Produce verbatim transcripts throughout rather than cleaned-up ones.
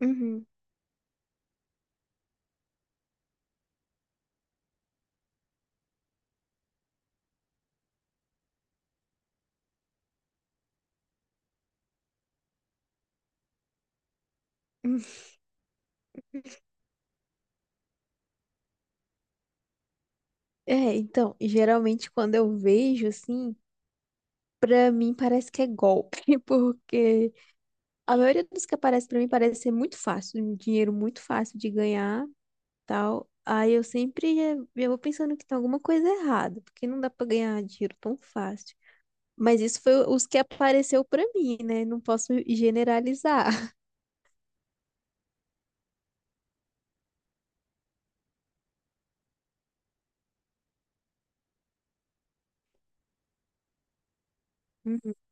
Uhum. Uhum. É, então, geralmente quando eu vejo assim, pra mim parece que é golpe, porque a maioria dos que aparece pra mim parece ser muito fácil, um dinheiro muito fácil de ganhar, tal. Aí eu sempre eh, eu vou pensando que tem alguma coisa errada, porque não dá pra ganhar dinheiro tão fácil. Mas isso foi os que apareceu pra mim, né? Não posso generalizar.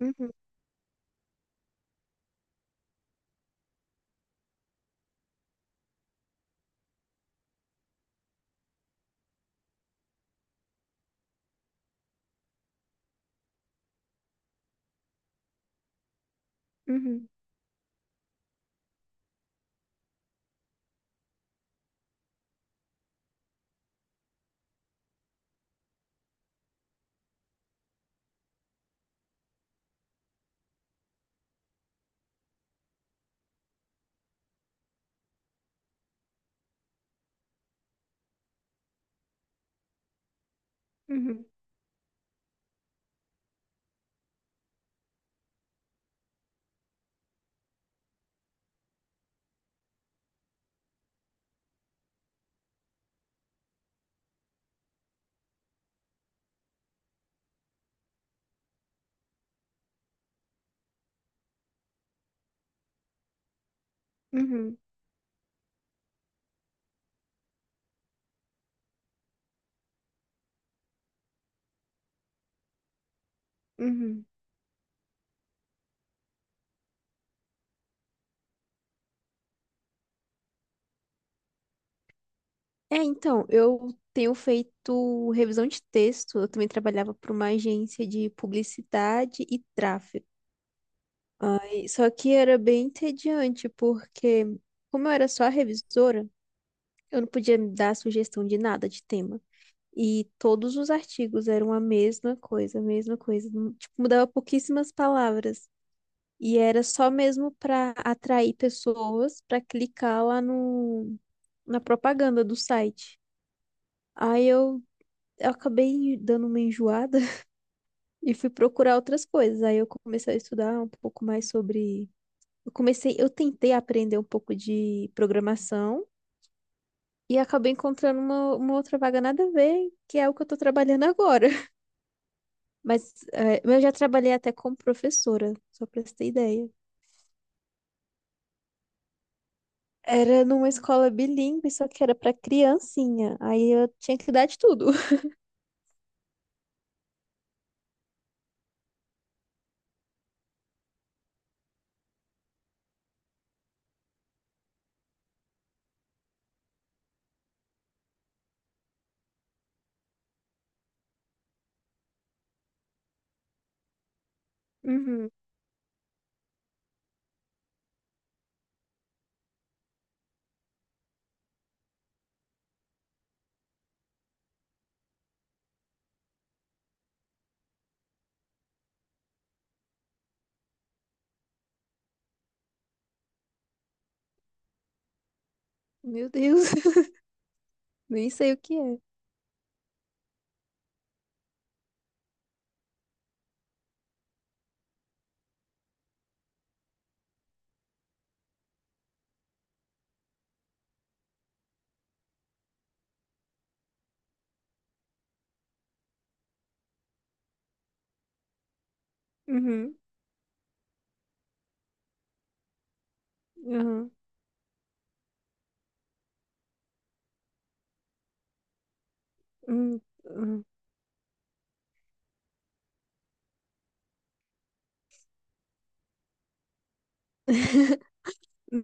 Uhum, uhum, uhum, uhum, uhum, uhum. É, então, eu tenho feito revisão de texto. Eu também trabalhava para uma agência de publicidade e tráfego. Ai, só que era bem entediante, porque, como eu era só a revisora, eu não podia dar sugestão de nada de tema. E todos os artigos eram a mesma coisa, a mesma coisa. Não- Tipo, mudava pouquíssimas palavras. E era só mesmo para atrair pessoas para clicar lá no, na propaganda do site. Aí eu eu acabei dando uma enjoada e fui procurar outras coisas. Aí eu comecei a estudar um pouco mais sobre. Eu comecei, eu tentei aprender um pouco de programação e acabei encontrando uma, uma outra vaga nada a ver, que é o que eu tô trabalhando agora. Mas eh, eu já trabalhei até como professora, só pra você ter ideia. Era numa escola bilíngue, só que era pra criancinha. Aí eu tinha que dar de tudo. Uhum. Meu Deus, nem sei o que é. Uhum, uhum, uhum, uhum.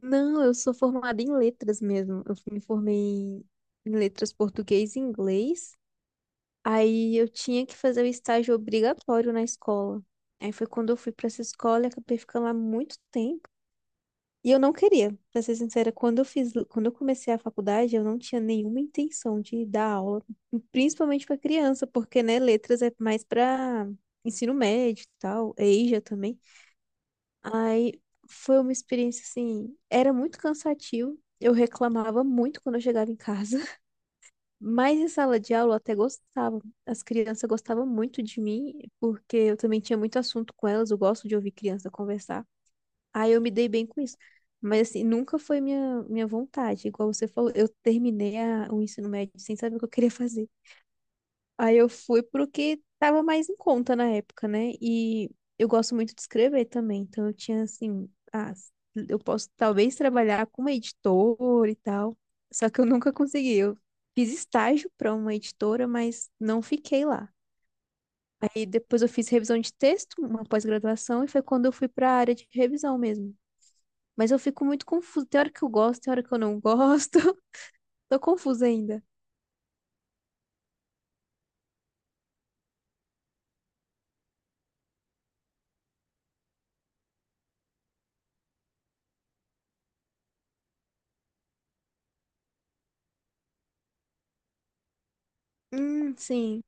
Não, eu sou formada em letras mesmo. Eu me formei em em letras português e inglês. Aí eu tinha que fazer o estágio obrigatório na escola. Aí foi quando eu fui pra essa escola e acabei ficando lá muito tempo. E eu não queria, pra ser sincera, quando eu fiz, quando eu comecei a faculdade, eu não tinha nenhuma intenção de dar aula, principalmente pra criança, porque, né, letras é mais pra ensino médio e tal, EJA também. Aí foi uma experiência assim, era muito cansativo. Eu reclamava muito quando eu chegava em casa, mas em sala de aula eu até gostava. As crianças gostavam muito de mim, porque eu também tinha muito assunto com elas, eu gosto de ouvir criança conversar. Aí eu me dei bem com isso. Mas assim, nunca foi minha, minha vontade, igual você falou, eu terminei a- o ensino médio sem saber o que eu queria fazer. Aí eu fui pro que tava mais em conta na época, né? E eu gosto muito de escrever também, então eu tinha assim, ah, eu posso talvez trabalhar com uma editora e tal. Só que eu nunca consegui. Eu fiz estágio para uma editora, mas não fiquei lá. Aí depois eu fiz revisão de texto, uma pós-graduação, e foi quando eu fui para a área de revisão mesmo. Mas eu fico muito confusa. Tem hora que eu gosto, tem hora que eu não gosto. Tô confusa ainda. Hum, sim.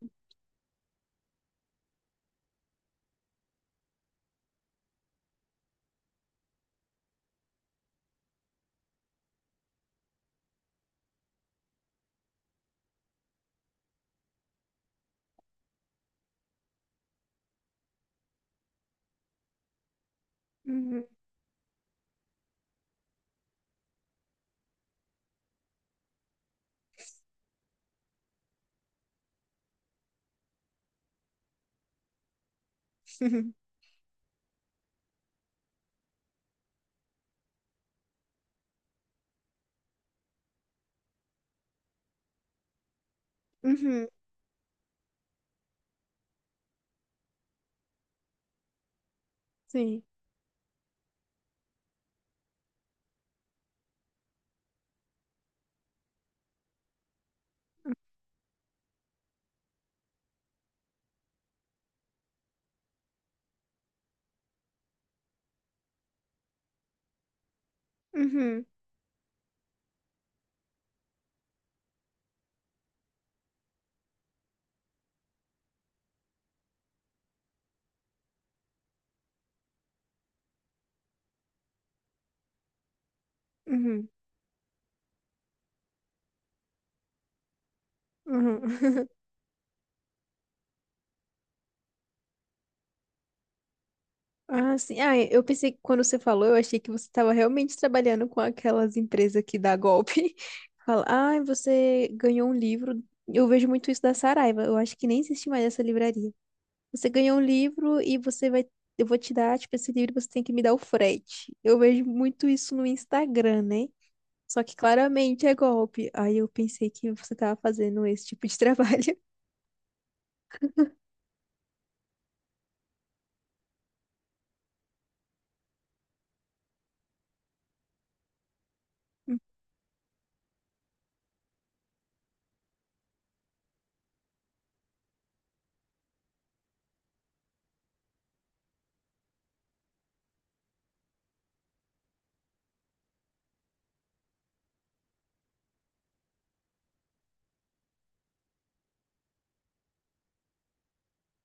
Uhum. Uhum. Sim. Uhum. Uhum, uhum. Ah, sim. Ah, eu pensei que quando você falou, eu achei que você estava realmente trabalhando com aquelas empresas que dá golpe. Fala, ah, você ganhou um livro. Eu vejo muito isso da Saraiva. Eu acho que nem existe mais essa livraria. Você ganhou um livro e você vai. Eu vou te dar, tipo, esse livro, você tem que me dar o frete. Eu vejo muito isso no Instagram, né? Só que claramente é golpe. Aí eu pensei que você estava fazendo esse tipo de trabalho.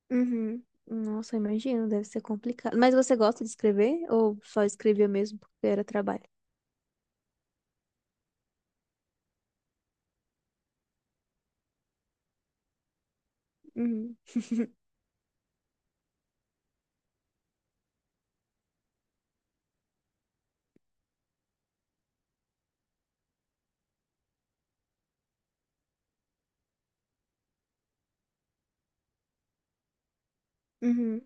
Uhum. Nossa, imagino, deve ser complicado. Mas você gosta de escrever ou só escrevia mesmo porque era trabalho? Uhum. Uhum.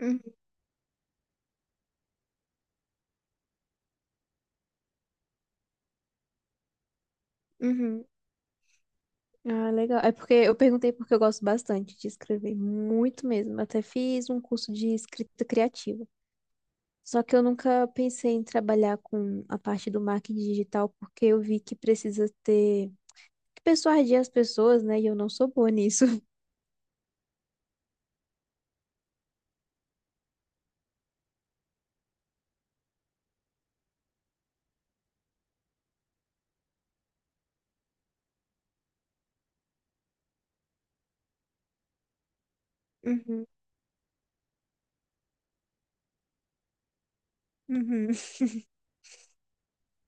Uhum. Uhum. Ah, legal. É porque eu perguntei porque eu gosto bastante de escrever, muito mesmo. Até fiz um curso de escrita criativa. Só que eu nunca pensei em trabalhar com a parte do marketing digital porque eu vi que precisa ter que persuadir as pessoas, né? E eu não sou boa nisso. Uhum. Uhum.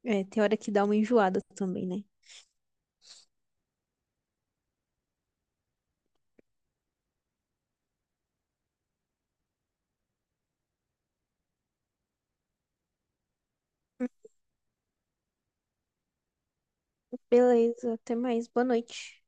É, tem hora que dá uma enjoada também, né? Beleza, até mais. Boa noite.